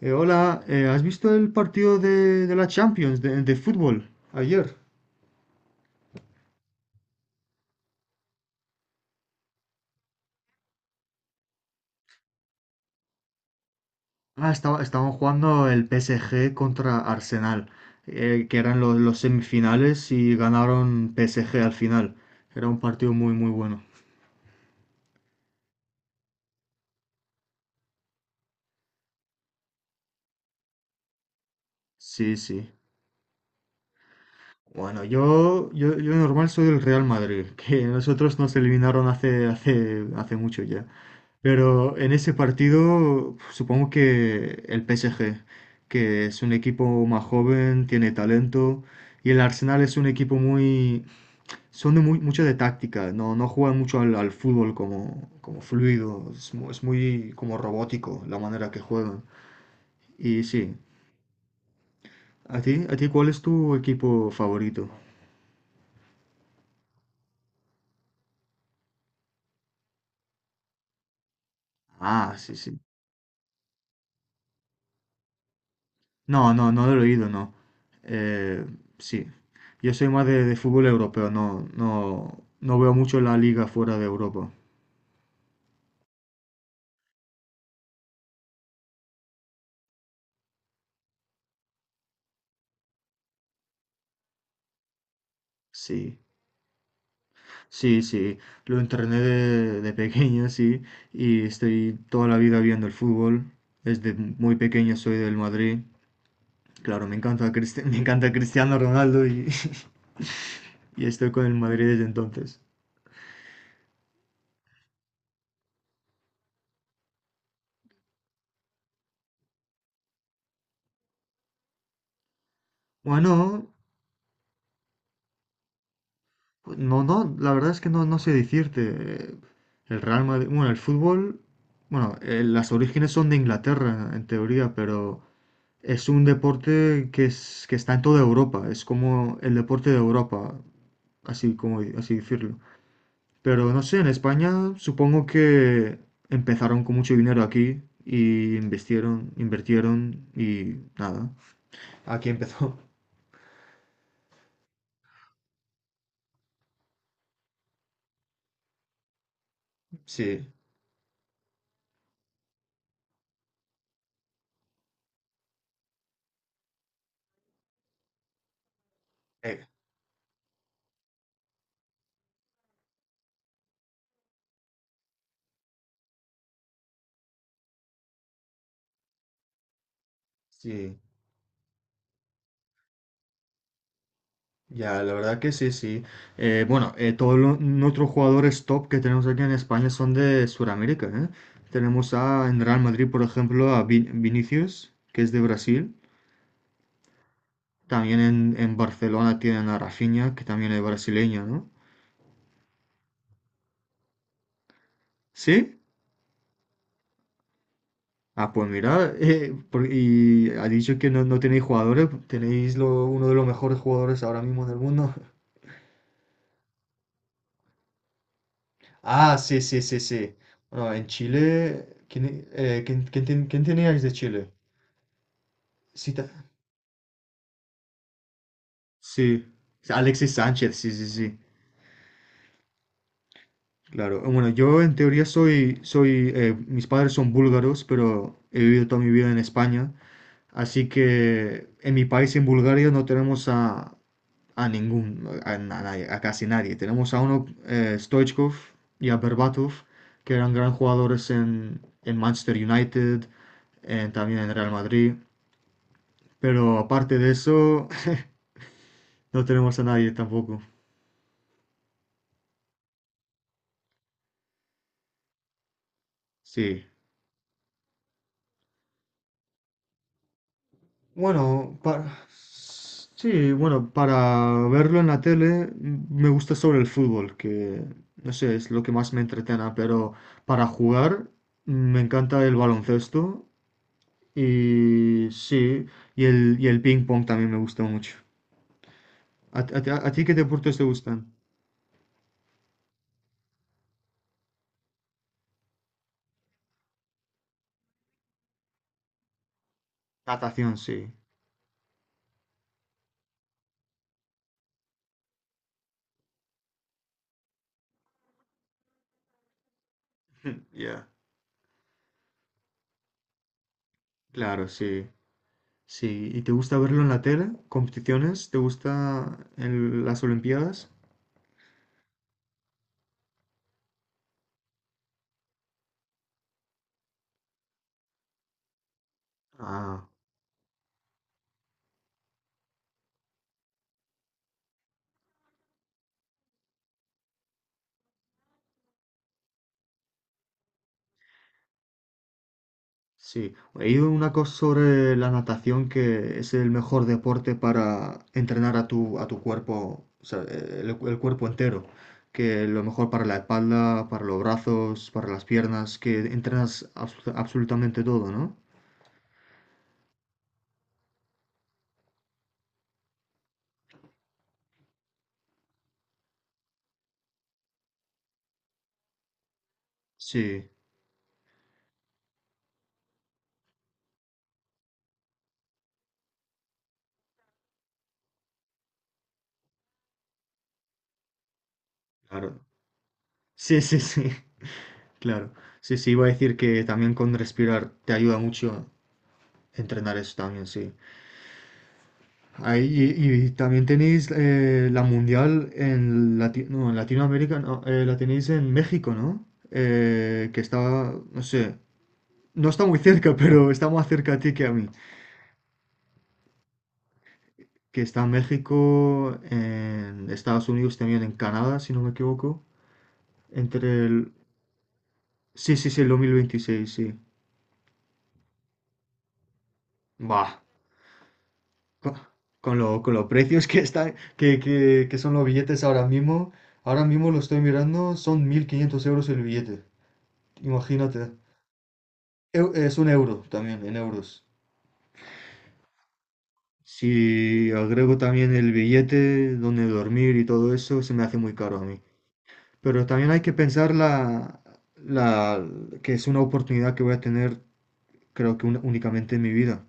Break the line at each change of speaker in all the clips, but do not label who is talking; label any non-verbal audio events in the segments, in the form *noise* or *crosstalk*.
Hola, ¿has visto el partido de la Champions de fútbol ayer? Ah, estaban jugando el PSG contra Arsenal, que eran los semifinales y ganaron PSG al final. Era un partido muy, muy bueno. Sí, sí. Bueno, yo normal soy del Real Madrid, *laughs* que nosotros nos eliminaron hace mucho ya. Pero en ese partido, supongo que el PSG, que es un equipo más joven, tiene talento, y el Arsenal es un equipo muy, son de muy, mucho de táctica, no juegan mucho al fútbol como fluido, es muy como robótico la manera que juegan. Y sí, a ti cuál es tu equipo favorito? Ah, sí, sí. No, no, no lo he oído, no. Eh, sí. Yo soy más de fútbol europeo, no veo mucho la liga fuera de Europa. Sí, sí, sí. Lo entrené de pequeño, *laughs* sí, y estoy toda la vida viendo el fútbol. Desde muy pequeño soy del Madrid. *laughs* Me encanta Cristiano Ronaldo *laughs* y estoy con el Madrid desde entonces. Bueno, pues No, no, la verdad es que no sé decirte. eh, El Real Madrid, bueno, el fútbol, bueno, las orígenes son de Inglaterra, en teoría, pero es un deporte que está en toda Europa, es como el deporte de Europa, así como así decirlo. Pero no sé, en España supongo que empezaron con mucho dinero aquí y invirtieron, invirtieron y nada. Aquí empezó. *laughs* Sí, eh, sí. Ya, la verdad que sí, sí. Bueno, todos los nuestros jugadores top que tenemos aquí en España son de Sudamérica, ¿eh? Tenemos en Real Madrid, por ejemplo, a Vinicius, que es de Brasil. También en Barcelona tienen a Rafinha, que también es brasileño, ¿no? ¿Sí? Ah, pues mira, *laughs* y ha dicho que no, no tenéis jugadores, tenéis uno de los mejores jugadores ahora mismo del mundo. *laughs* Ah, sí, sí, sí, sí. Bueno, en Chile, quién teníais de Chile? Sí, sí, Alexis Sánchez, sí, sí, sí. Claro, bueno, yo en teoría mis padres son búlgaros, pero he vivido toda mi vida en España, así que en mi país, en Bulgaria, no tenemos a nadie, a casi nadie. Tenemos a uno, Stoichkov y a Berbatov, que eran gran jugadores en Manchester United, también en Real Madrid, pero aparte de eso, *laughs* no tenemos a nadie tampoco. Sí. Bueno, sí, bueno, para verlo en la tele, me gusta sobre el fútbol, que no sé, es lo que más me entretena, pero para jugar, me encanta el baloncesto y sí, y el ping pong también me gusta mucho. A ti qué deportes te gustan? Natación, sí. *laughs* Yeah. Claro, sí. Sí, ¿y te gusta verlo en la tele? ¿Competiciones? ¿Te gusta en las Olimpiadas? Ah. Sí, he ido una cosa sobre la natación que es el mejor deporte para entrenar a tu cuerpo, o sea, el cuerpo entero, que lo mejor para la espalda, para los brazos, para las piernas, que entrenas absolutamente todo, ¿no? Sí, claro. Sí, sí, sí, *laughs* claro. Sí, sí, iba a decir que también con respirar te ayuda mucho entrenar eso también, sí. Ahí, y también tenéis, la mundial en Latinoamérica, no, la tenéis en México, ¿no? Que está, no sé, no está muy cerca, *laughs* pero está más cerca a ti que a mí. Que está en México, en Estados Unidos, también en Canadá, si no me equivoco. Entre el... Sí, sí, sí, el 2026, sí. Bah, co- con los precios que, están, que son los billetes ahora mismo lo estoy mirando, son 1.500 euros el billete. Imagínate. Es un euro también, en euros. Si agrego también el billete, donde dormir y todo eso, se me hace muy caro a mí. Pero también hay que pensar la, que es una oportunidad que voy a tener, creo que únicamente en mi vida.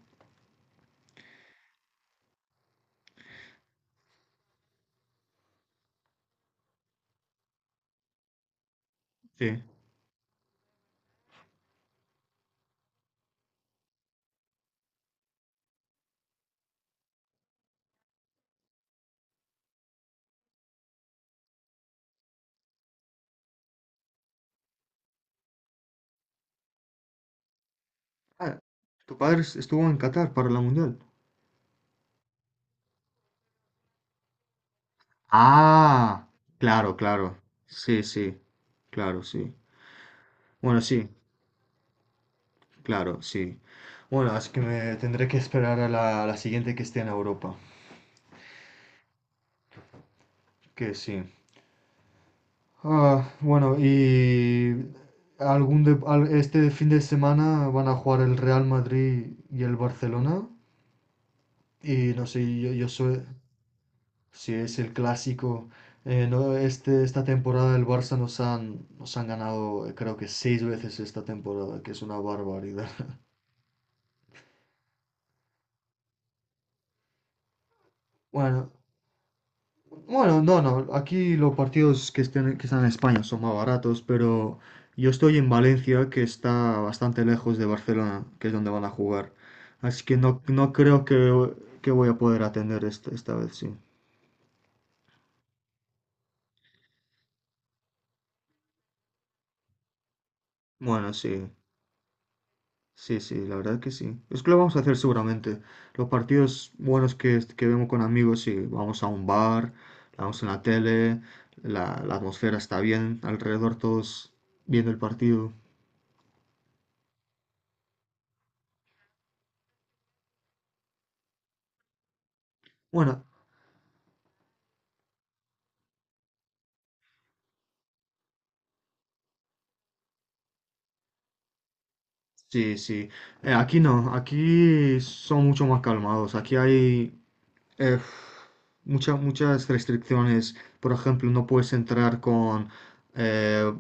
Sí. Ah, tu padre estuvo en Qatar para la Mundial. Ah, claro, claro. Sí, sí. Claro, sí. Bueno, sí, claro, sí. Bueno, así que me tendré que esperar a la siguiente que esté en Europa. Que sí. Ah, bueno, y este fin de semana van a jugar el Real Madrid y el Barcelona. Y no sé, si es el clásico. No, esta temporada el Barça nos han ganado, creo que seis veces esta temporada, que es una barbaridad. *laughs* Bueno, Bueno, no, no. Aquí los partidos que están en España son más baratos, pero yo estoy en Valencia, que está bastante lejos de Barcelona, que es donde van a jugar. Así que no, no creo que voy a poder atender esta vez, sí. Bueno, sí. Sí, sí, la verdad que sí. Es que lo vamos a hacer seguramente. Los partidos buenos que vemos con amigos, sí. Vamos a un bar, la vamos en la tele, la atmósfera está bien, alrededor todos viendo el partido. Bueno, sí, sí. Aquí no, aquí son mucho más calmados. Aquí hay, eh, muchas restricciones. Por ejemplo, no puedes entrar con, eh,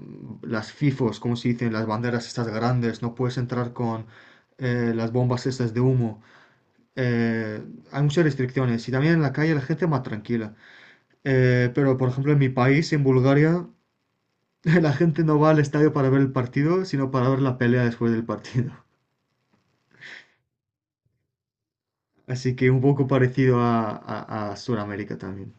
las FIFOs, como se dicen, las banderas estas grandes. No puedes entrar con, las bombas estas de humo. Eh, Hay muchas restricciones. Y también en la calle la gente más tranquila. Pero, por ejemplo, en mi país, en Bulgaria, *laughs* la gente no va al estadio para ver el partido, sino para ver la pelea después del partido. Así que un poco parecido a Sudamérica también.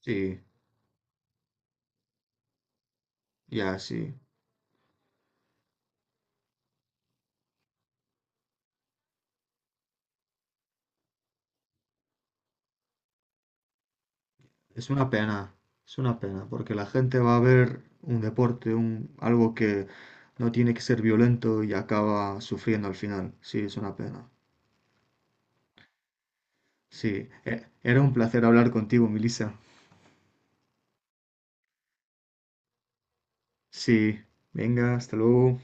Sí, ya, sí. Es una pena, es una pena, porque la gente va a ver un deporte, algo que no tiene que ser violento y acaba sufriendo al final. Sí, es una pena. Sí, era un placer hablar contigo, Melissa. Sí, venga, hasta luego.